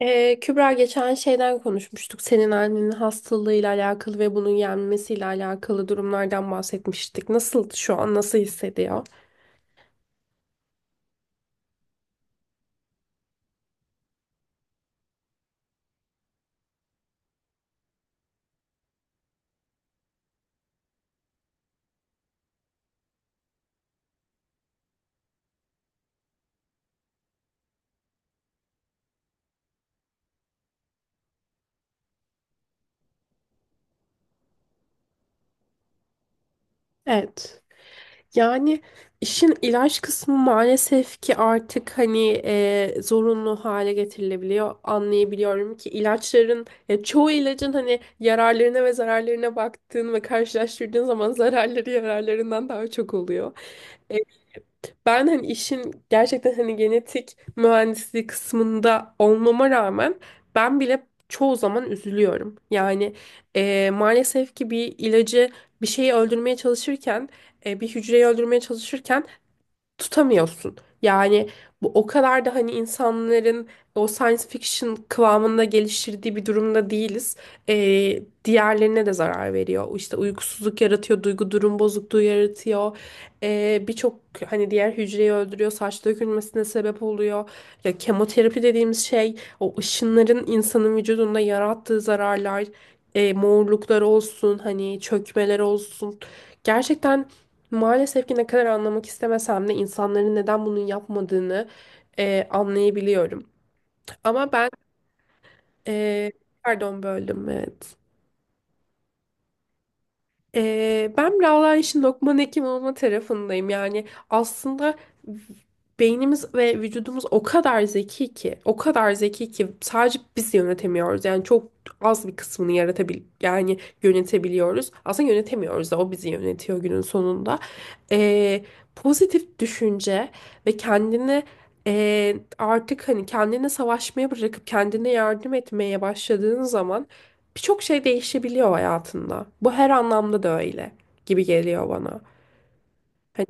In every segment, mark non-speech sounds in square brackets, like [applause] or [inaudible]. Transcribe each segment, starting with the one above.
Kübra geçen şeyden konuşmuştuk. Senin annenin hastalığıyla alakalı ve bunun yenmesiyle alakalı durumlardan bahsetmiştik. Şu an nasıl hissediyor? Evet. Yani işin ilaç kısmı maalesef ki artık hani zorunlu hale getirilebiliyor. Anlayabiliyorum ki ilaçların ya çoğu ilacın hani yararlarına ve zararlarına baktığın ve karşılaştırdığın zaman zararları yararlarından daha çok oluyor. E, Ben hani işin gerçekten hani genetik mühendisliği kısmında olmama rağmen ben bile çoğu zaman üzülüyorum. Yani maalesef ki bir ilacı bir şeyi öldürmeye çalışırken bir hücreyi öldürmeye çalışırken tutamıyorsun. Yani bu o kadar da hani insanların o science fiction kıvamında geliştirdiği bir durumda değiliz. Diğerlerine de zarar veriyor. İşte uykusuzluk yaratıyor, duygu durum bozukluğu yaratıyor. Birçok hani diğer hücreyi öldürüyor, saç dökülmesine sebep oluyor. Ya kemoterapi dediğimiz şey o ışınların insanın vücudunda yarattığı zararlar, morluklar olsun, hani çökmeler olsun. Gerçekten. Maalesef ki ne kadar anlamak istemesem de insanların neden bunu yapmadığını anlayabiliyorum. Ama ben, e, pardon böldüm, evet. Ben biraz daha işin Lokman hekim olma tarafındayım. Yani aslında beynimiz ve vücudumuz o kadar zeki ki, o kadar zeki ki sadece biz yönetemiyoruz. Yani çok az bir kısmını yani yönetebiliyoruz. Aslında yönetemiyoruz da o bizi yönetiyor günün sonunda. Ee, Pozitif düşünce ve kendini artık hani kendine savaşmaya bırakıp kendine yardım etmeye başladığın zaman birçok şey değişebiliyor hayatında. Bu her anlamda da öyle gibi geliyor bana. Hani.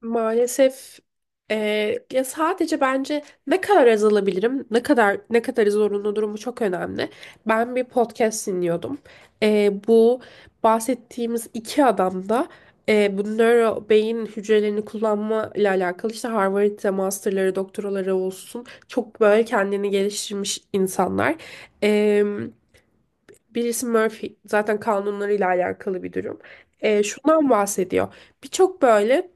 Maalesef, ya sadece bence ne kadar azalabilirim, ne kadar zorunlu durumu çok önemli. Ben bir podcast dinliyordum. Bu bahsettiğimiz iki adam da, bu nöro beyin hücrelerini kullanma ile alakalı, işte Harvard'da masterları, doktoraları olsun, çok böyle kendini geliştirmiş insanlar. Eee, Birisi Murphy zaten kanunlarıyla alakalı bir durum. Şundan bahsediyor. Birçok böyle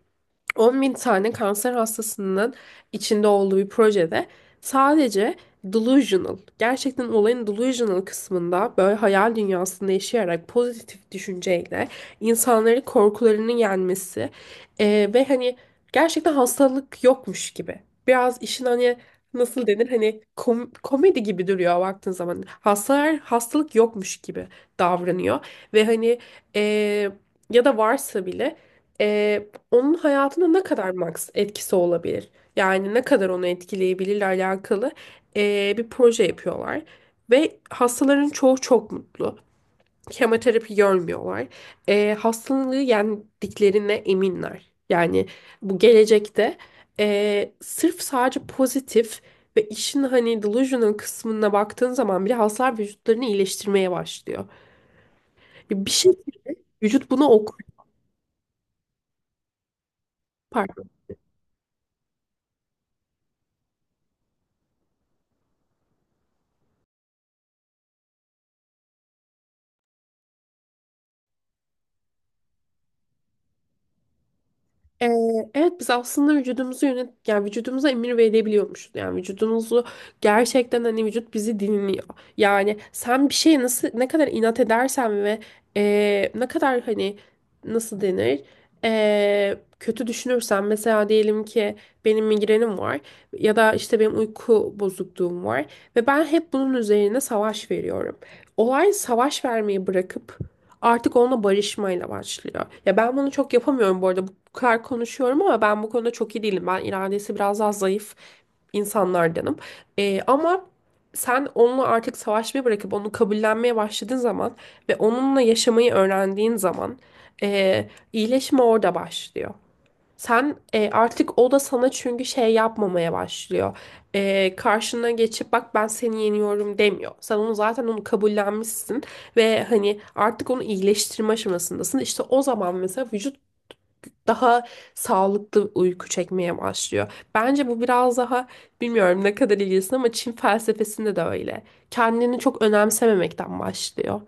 10 bin tane kanser hastasının içinde olduğu bir projede sadece delusional, gerçekten olayın delusional kısmında böyle hayal dünyasında yaşayarak pozitif düşünceyle insanları korkularını yenmesi, ve hani gerçekten hastalık yokmuş gibi. Biraz işin hani nasıl denir hani komedi gibi duruyor baktığın zaman. Hastalar hastalık yokmuş gibi davranıyor ve hani, eee, ya da varsa bile, e, onun hayatına ne kadar max etkisi olabilir? Yani ne kadar onu etkileyebilirle alakalı bir proje yapıyorlar. Ve hastaların çoğu çok mutlu. Kemoterapi görmüyorlar. Hastalığı yendiklerine eminler. Yani bu gelecekte, sırf sadece pozitif ve işin hani delusional kısmına baktığın zaman bile, hastalar vücutlarını iyileştirmeye başlıyor. Bir şey Vücut bunu okuyor. Pardon. Ee, evet, biz aslında vücudumuzu yani vücudumuza emir verebiliyormuşuz. Yani vücudumuzu gerçekten hani vücut bizi dinliyor. Yani sen bir şeye nasıl ne kadar inat edersen ve ne kadar hani nasıl denir kötü düşünürsen, mesela diyelim ki benim migrenim var ya da işte benim uyku bozukluğum var ve ben hep bunun üzerine savaş veriyorum. Olay savaş vermeyi bırakıp artık onunla barışmayla başlıyor. Ya ben bunu çok yapamıyorum bu arada. Bu kadar konuşuyorum ama ben bu konuda çok iyi değilim. Ben iradesi biraz daha zayıf insanlardanım. Ama sen onunla artık savaşmayı bırakıp onu kabullenmeye başladığın zaman ve onunla yaşamayı öğrendiğin zaman iyileşme orada başlıyor. Sen, artık o da sana çünkü şey yapmamaya başlıyor. Karşına geçip bak ben seni yeniyorum demiyor. Sen onu, zaten onu kabullenmişsin ve hani artık onu iyileştirme aşamasındasın. İşte o zaman mesela vücut daha sağlıklı uyku çekmeye başlıyor. Bence bu biraz daha, bilmiyorum ne kadar ilgilisin ama, Çin felsefesinde de öyle. Kendini çok önemsememekten başlıyor.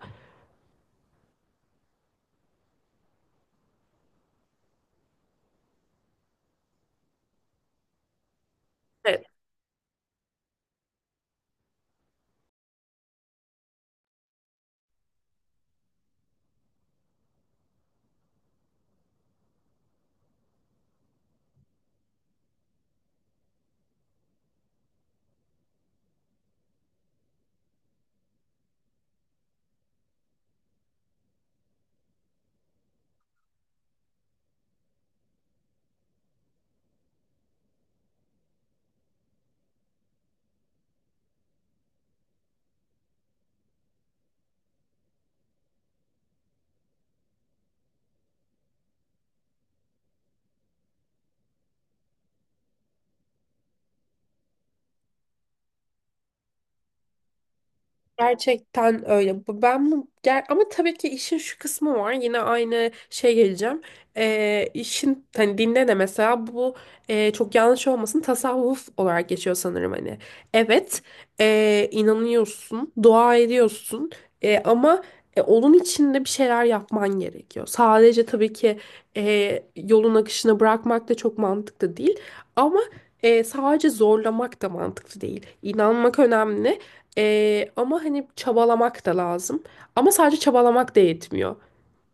Gerçekten öyle. Ben bu ama tabii ki işin şu kısmı var. Yine aynı şey geleceğim. İşin hani dinde de mesela bu, çok yanlış olmasın, tasavvuf olarak geçiyor sanırım hani. Evet, inanıyorsun, dua ediyorsun. Ama, onun içinde bir şeyler yapman gerekiyor. Sadece tabii ki yolun akışına bırakmak da çok mantıklı değil. Ama sadece zorlamak da mantıklı değil. İnanmak önemli. Ama hani çabalamak da lazım. Ama sadece çabalamak da yetmiyor.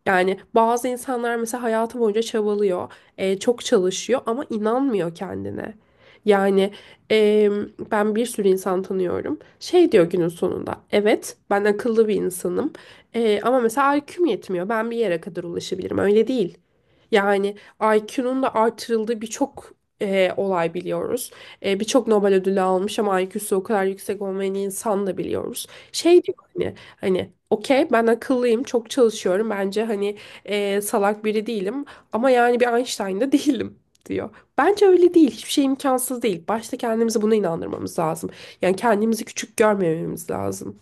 Yani bazı insanlar mesela hayatı boyunca çabalıyor, çok çalışıyor ama inanmıyor kendine. Yani, e, ben bir sürü insan tanıyorum. Şey diyor günün sonunda, evet ben akıllı bir insanım, ama mesela IQ'm yetmiyor. Ben bir yere kadar ulaşabilirim. Öyle değil. Yani IQ'nun da artırıldığı birçok olay biliyoruz. Birçok Nobel ödülü almış ama IQ'su o kadar yüksek olmayan insan da biliyoruz. Şey diyor hani. Hani okey, ben akıllıyım, çok çalışıyorum. Bence hani, salak biri değilim ama yani bir Einstein de [laughs] değilim diyor. Bence öyle değil. Hiçbir şey imkansız değil. Başta kendimizi buna inandırmamız lazım. Yani kendimizi küçük görmememiz lazım.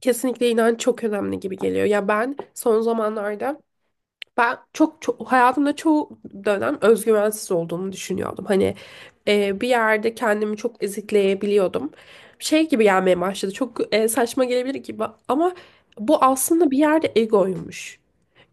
Kesinlikle inanç çok önemli gibi geliyor. Ya ben son zamanlarda, ben çok, çok hayatımda çoğu dönem özgüvensiz olduğumu düşünüyordum. Hani, bir yerde kendimi çok ezikleyebiliyordum. Şey gibi gelmeye başladı. Çok saçma gelebilir gibi ama bu aslında bir yerde egoymuş.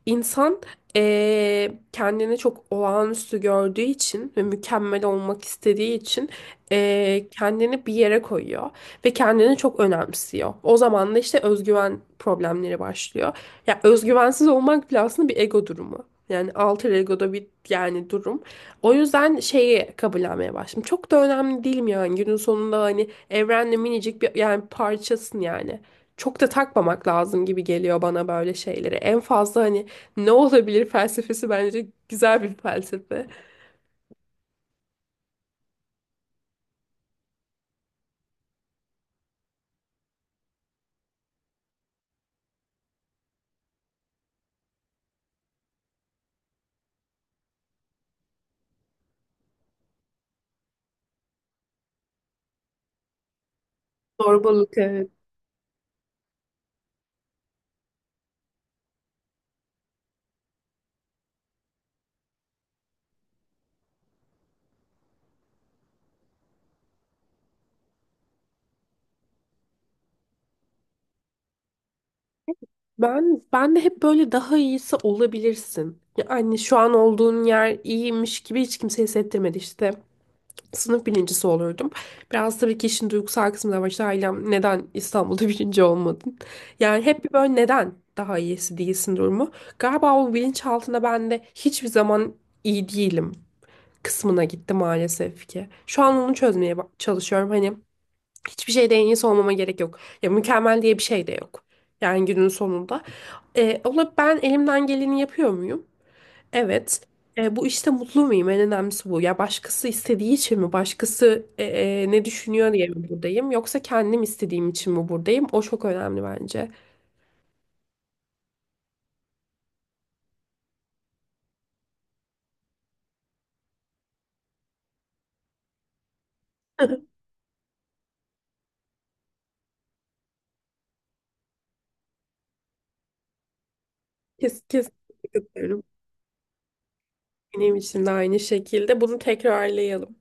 İnsan, kendini çok olağanüstü gördüğü için ve mükemmel olmak istediği için, kendini bir yere koyuyor ve kendini çok önemsiyor. O zaman da işte özgüven problemleri başlıyor. Ya özgüvensiz olmak bile aslında bir ego durumu. Yani alter ego'da bir yani durum. O yüzden şeyi kabullenmeye başladım. Çok da önemli değilim yani günün sonunda, hani evrenle minicik bir yani parçasın, yani çok da takmamak lazım gibi geliyor bana böyle şeyleri. En fazla hani ne olabilir felsefesi bence güzel bir felsefe. Zorbalık, evet. Ben de hep böyle daha iyisi olabilirsin. Yani şu an olduğun yer iyiymiş gibi hiç kimse hissettirmedi işte. Sınıf birincisi olurdum. Biraz tabii ki işin duygusal kısmı da var. İşte ailem, neden İstanbul'da [laughs] birinci olmadın? Yani hep bir böyle neden daha iyisi değilsin durumu. Galiba o bilinçaltında ben de hiçbir zaman iyi değilim kısmına gitti maalesef ki. Şu an onu çözmeye çalışıyorum. Hani hiçbir şeyde en iyisi olmama gerek yok. Ya mükemmel diye bir şey de yok. Yani günün sonunda. Ama ben elimden geleni yapıyor muyum? Evet. Bu işte mutlu muyum? En önemlisi bu. Ya başkası istediği için mi? Başkası, ne düşünüyor diye mi buradayım? Yoksa kendim istediğim için mi buradayım? O çok önemli bence. [laughs] Kes, kes. Benim için de aynı şekilde. Bunu tekrarlayalım.